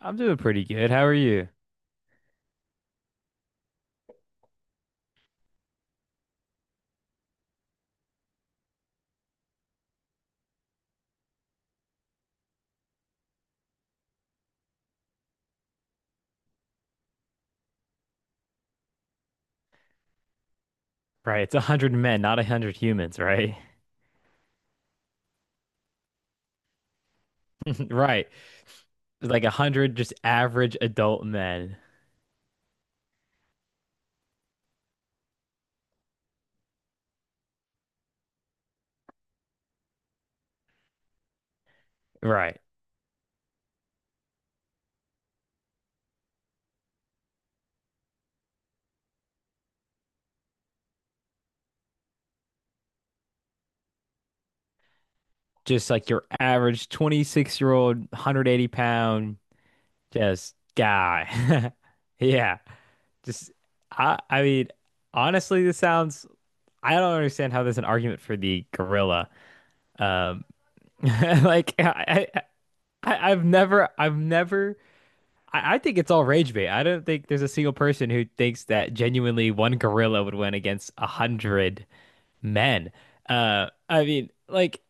I'm doing pretty good. How are you? Right, it's 100 men, not 100 humans, right? Right. It's like 100 just average adult men. Right. Just like your average 26-year-old, 180 pound just guy. Yeah. Just I mean, honestly, this sounds I don't understand how there's an argument for the gorilla. Um like I've never I think it's all rage bait. I don't think there's a single person who thinks that genuinely one gorilla would win against 100 men. I mean, like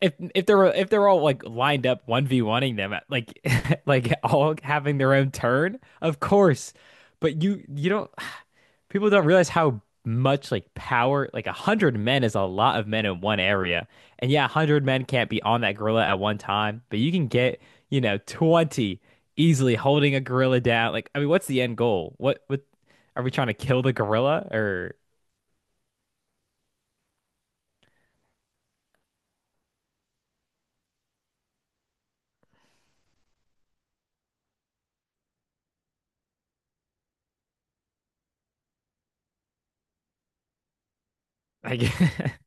if they were if they're all like lined up one v oneing them, like like all having their own turn, of course. But you don't people don't realize how much like power like 100 men is a lot of men in one area. And yeah, 100 men can't be on that gorilla at one time, but you can get 20 easily holding a gorilla down. Like, I mean, what's the end goal? What are we trying to kill the gorilla or. Like,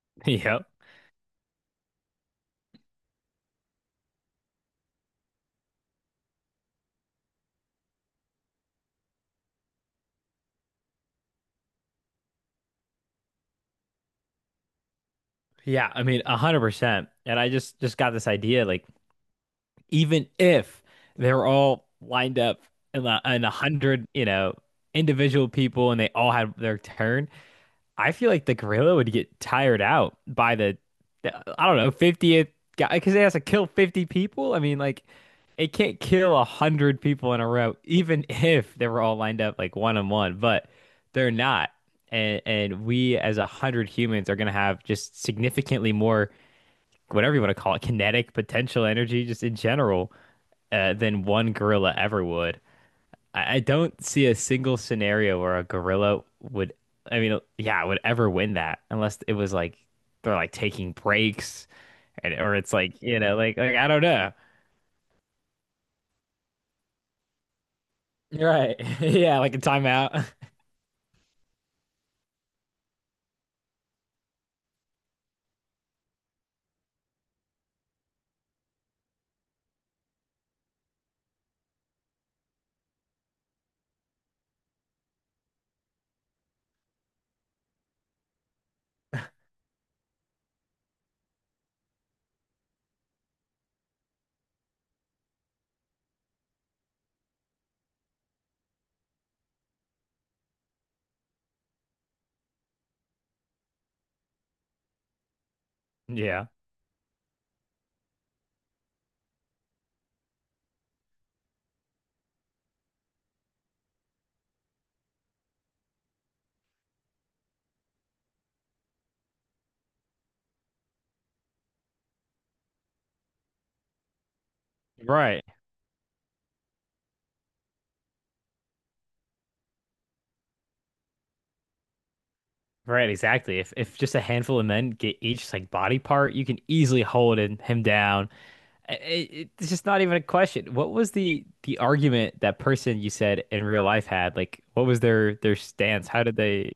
yeah, yeah, I mean 100%. And I just got this idea, like even if they're all lined up and 100 individual people and they all had their turn, I feel like the gorilla would get tired out by the, I don't know, 50th guy because it has to kill 50 people. I mean, like, it can't kill 100 people in a row, even if they were all lined up like one on one, but they're not. And we, as 100 humans, are going to have just significantly more, whatever you want to call it, kinetic potential energy, just in general, than one gorilla ever would. I don't see a single scenario where a gorilla would, I mean, yeah, would ever win that unless it was like they're like taking breaks, and or it's like, like I don't know. Right. Yeah, like a timeout. Yeah. Right. Right, exactly. If just a handful of men get each like body part, you can easily hold him down. I- I- it's just not even a question. What was the argument that person you said in real life had? Like, what was their stance? How did they?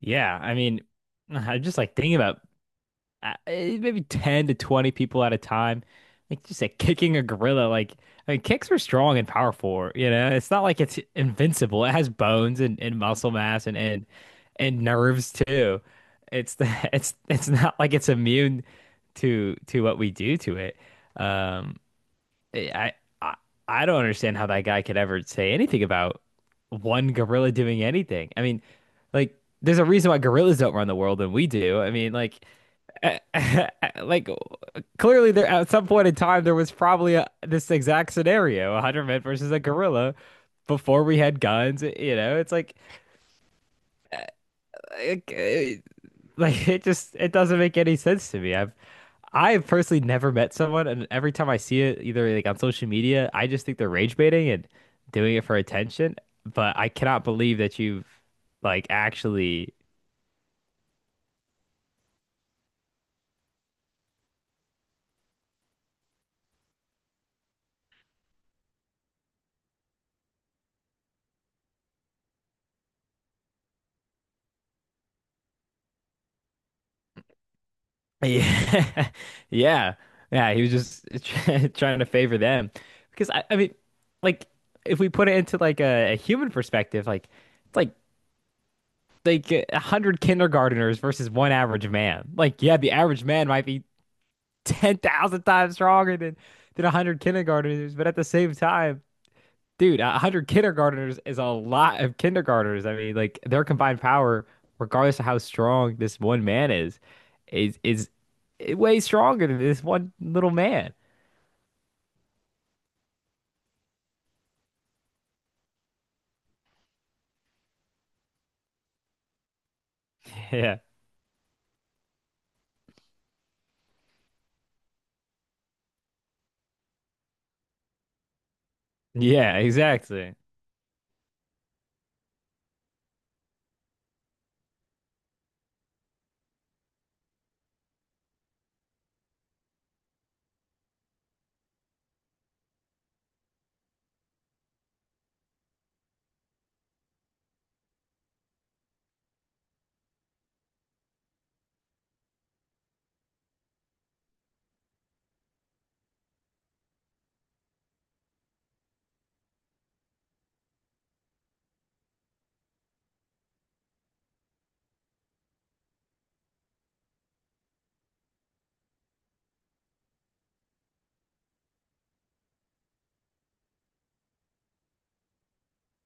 Yeah, I mean, I'm just like thinking about maybe 10 to 20 people at a time, like just like kicking a gorilla. Like, I mean, kicks are strong and powerful, you know? It's not like it's invincible. It has bones, and, muscle mass, and nerves too. It's the it's not like it's immune to what we do to it. Um I, I I don't understand how that guy could ever say anything about one gorilla doing anything. I mean, like, there's a reason why gorillas don't run the world and we do. I mean, like like clearly there at some point in time there was probably this exact scenario, 100 men versus a gorilla before we had guns. It's like, like it just it doesn't make any sense to me. I have personally never met someone, and every time I see it, either like on social media, I just think they're rage baiting and doing it for attention. But I cannot believe that you've like actually. Yeah, yeah, yeah. He was just trying to favor them because I mean, like, if we put it into like a human perspective, like, it's like 100 kindergarteners versus one average man. Like, yeah, the average man might be 10,000 times stronger than 100 kindergarteners. But at the same time, dude, 100 kindergarteners is a lot of kindergarteners. I mean, like, their combined power, regardless of how strong this one man is, is way stronger than this one little man. Yeah. Yeah, exactly.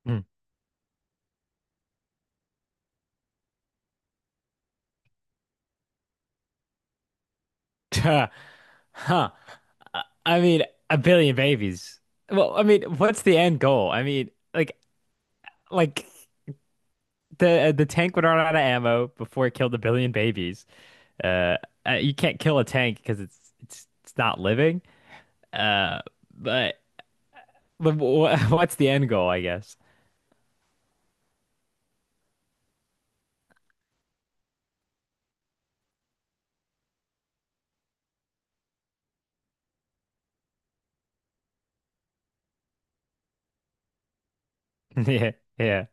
Mm. Huh. Huh. I mean, 1 billion babies. Well, I mean, what's the end goal? I mean, like the tank would run out of ammo before it killed 1 billion babies. Uh, you can't kill a tank because it's not living. Uh, but but what's the end goal, I guess? Yeah,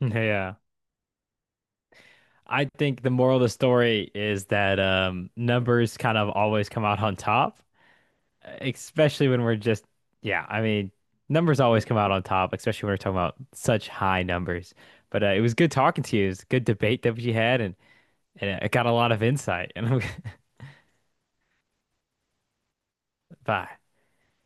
yeah, yeah. I think the moral of the story is that numbers kind of always come out on top, especially when we're just. Yeah. I mean, numbers always come out on top, especially when we're talking about such high numbers. But it was good talking to you. It was a good debate that we had, and it got a lot of insight. And bye.